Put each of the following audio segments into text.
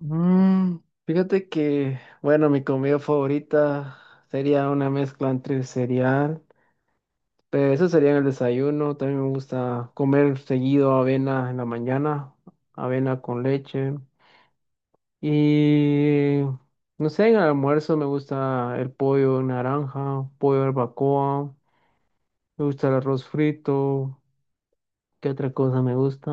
Mm, fíjate que, bueno, mi comida favorita sería una mezcla entre cereal, pero eso sería en el desayuno. También me gusta comer seguido avena en la mañana, avena con leche. Y no sé, en el almuerzo me gusta el pollo en naranja, pollo barbacoa, me gusta el arroz frito. ¿Qué otra cosa me gusta?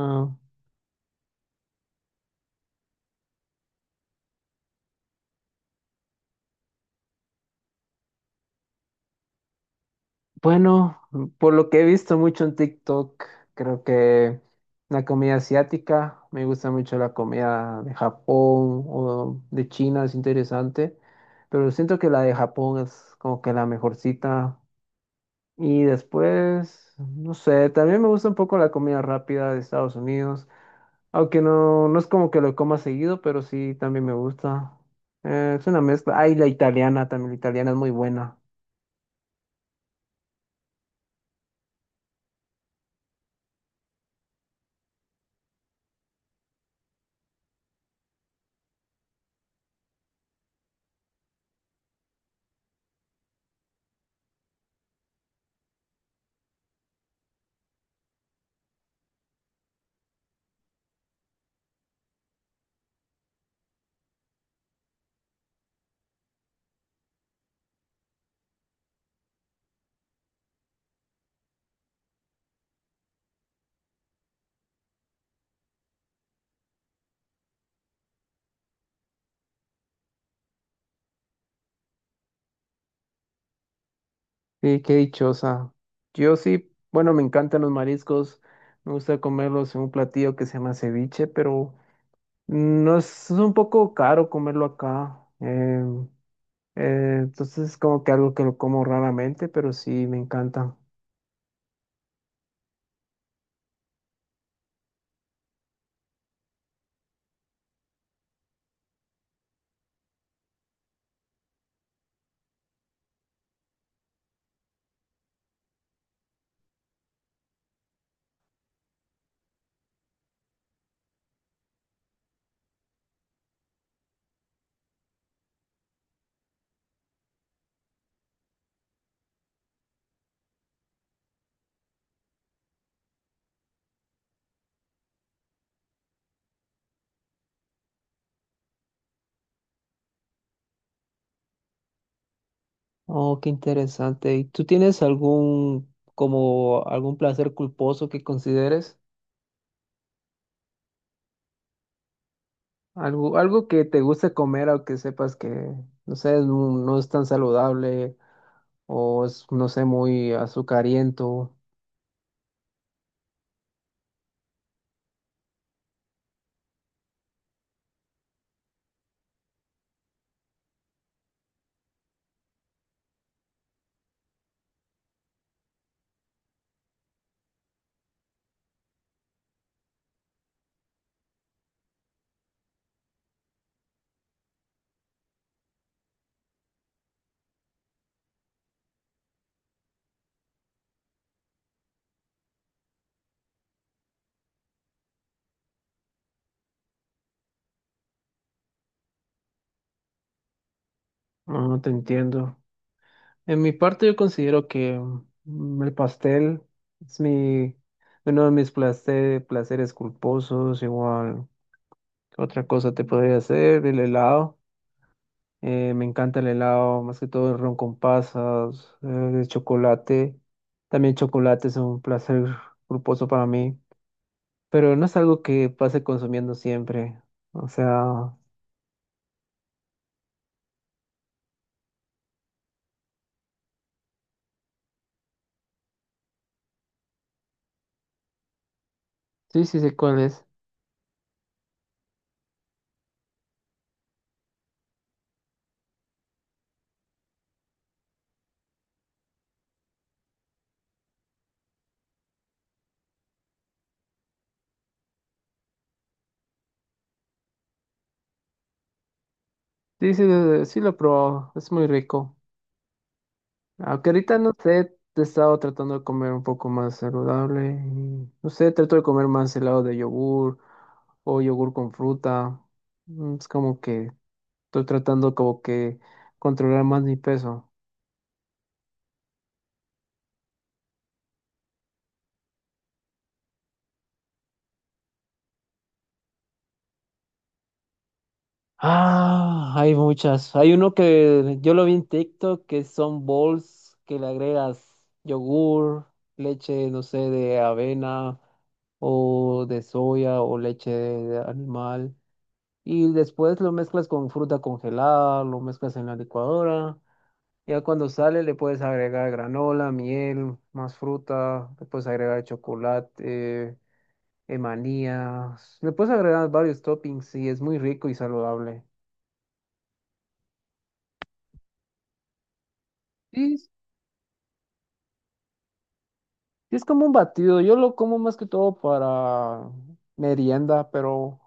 Bueno, por lo que he visto mucho en TikTok, creo que la comida asiática, me gusta mucho la comida de Japón o de China, es interesante, pero siento que la de Japón es como que la mejorcita. Y después, no sé, también me gusta un poco la comida rápida de Estados Unidos, aunque no, no es como que lo coma seguido, pero sí también me gusta. Es una mezcla. Ay, la italiana también, la italiana es muy buena. Sí, qué dichosa. Yo sí, bueno, me encantan los mariscos, me gusta comerlos en un platillo que se llama ceviche, pero no es, es un poco caro comerlo acá. Entonces es como que algo que lo como raramente, pero sí me encanta. Oh, qué interesante. ¿Y tú tienes algún, como algún placer culposo que consideres? Algo, algo que te guste comer, aunque sepas que, no sé, no es tan saludable o es, no sé, muy azucariento. No, no te entiendo. En mi parte yo considero que el pastel es mi, uno de mis placeres culposos, igual. ¿Qué otra cosa te podría hacer? El helado. Me encanta el helado, más que todo el ron con pasas, el chocolate. También chocolate es un placer culposo para mí, pero no es algo que pase consumiendo siempre. O sea, sí, sí sé cuál es. Sí, sí, sí lo probó, es muy rico. Aunque ahorita no sé, he estado tratando de comer un poco más saludable. Y, no sé, trato de comer más helado de yogur o yogur con fruta. Mm, es como que estoy tratando como que controlar más mi peso. Ah, hay muchas. Hay uno que yo lo vi en TikTok que son bowls que le agregas yogur, leche, no sé, de avena o de soya o leche de animal. Y después lo mezclas con fruta congelada, lo mezclas en la licuadora. Ya cuando sale le puedes agregar granola, miel, más fruta, le puedes agregar chocolate, manías, le puedes agregar varios toppings y es muy rico y saludable. Sí es, sí es como un batido, yo lo como más que todo para merienda, pero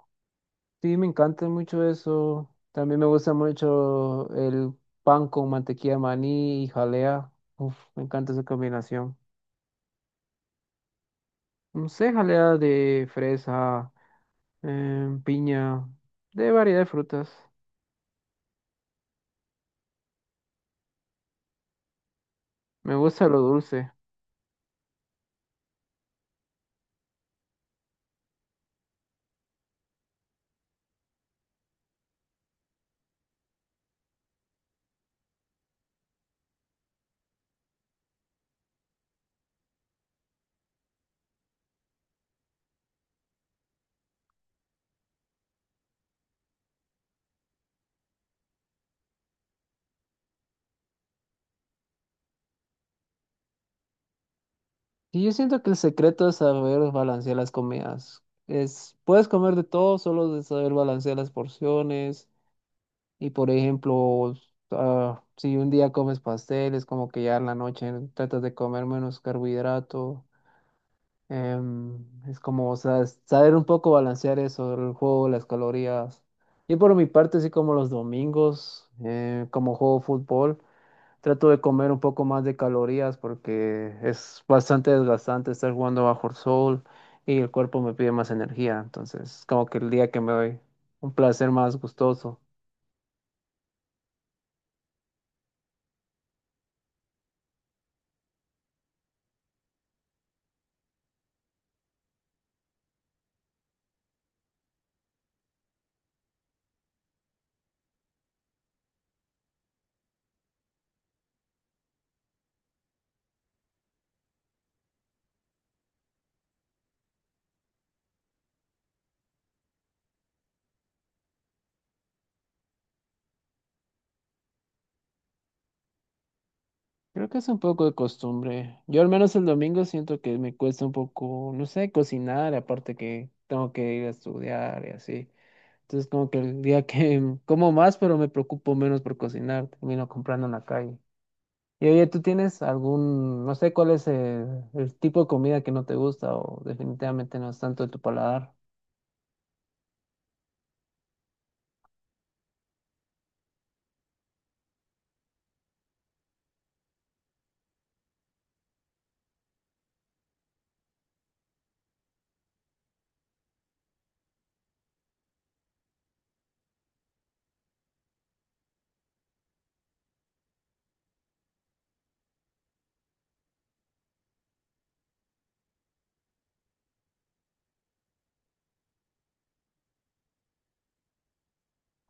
sí me encanta mucho eso. También me gusta mucho el pan con mantequilla de maní y jalea. Uf, me encanta esa combinación. No sé, jalea de fresa, piña, de variedad de frutas. Me gusta lo dulce. Y yo siento que el secreto es saber balancear las comidas. Es, puedes comer de todo, solo de saber balancear las porciones. Y por ejemplo, ah, si un día comes pasteles, como que ya en la noche tratas de comer menos carbohidrato. Es como, o sea, es saber un poco balancear eso, el juego, las calorías. Y por mi parte, así como los domingos, como juego fútbol, trato de comer un poco más de calorías porque es bastante desgastante estar jugando bajo el sol y el cuerpo me pide más energía. Entonces, es como que el día que me doy un placer más gustoso. Creo que es un poco de costumbre. Yo al menos el domingo siento que me cuesta un poco, no sé, cocinar, aparte que tengo que ir a estudiar y así. Entonces, como que el día que como más, pero me preocupo menos por cocinar, termino comprando en la calle. Y oye, ¿tú tienes algún, no sé cuál es el tipo de comida que no te gusta o definitivamente no es tanto de tu paladar?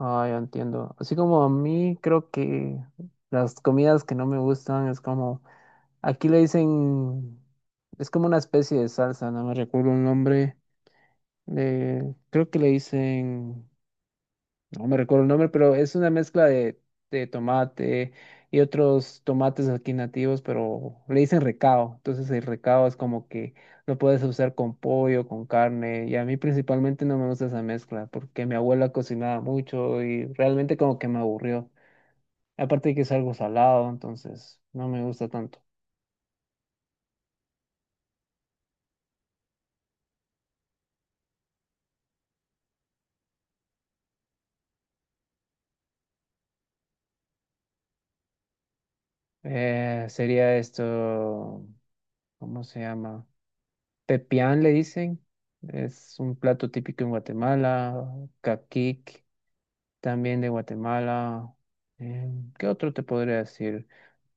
Ah, ya entiendo. Así como a mí creo que las comidas que no me gustan es como, aquí le dicen, es como una especie de salsa, no me recuerdo el nombre. Creo que le dicen, no me recuerdo el nombre, pero es una mezcla de tomate y otros tomates aquí nativos, pero le dicen recao. Entonces el recao es como que lo puedes usar con pollo, con carne. Y a mí principalmente no me gusta esa mezcla porque mi abuela cocinaba mucho y realmente como que me aburrió. Aparte de que es algo salado, entonces no me gusta tanto. Sería esto, ¿cómo se llama? Pepián le dicen. Es un plato típico en Guatemala, caquic. También de Guatemala. eh, ¿Qué otro te podría decir?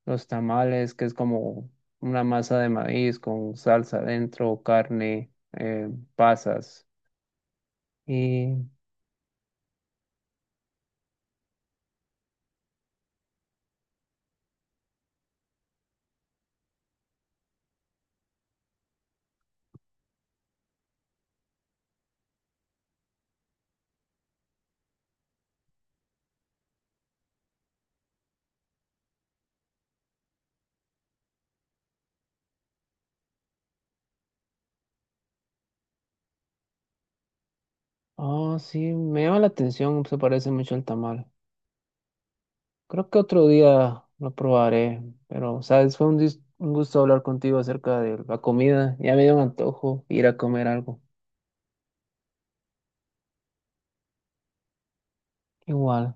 Los tamales, que es como una masa de maíz con salsa adentro, carne, pasas. Y, oh, sí, me llama la atención, se parece mucho al tamal. Creo que otro día lo probaré, pero, sabes, fue un, un gusto hablar contigo acerca de la comida. Ya me dio un antojo ir a comer algo. Igual.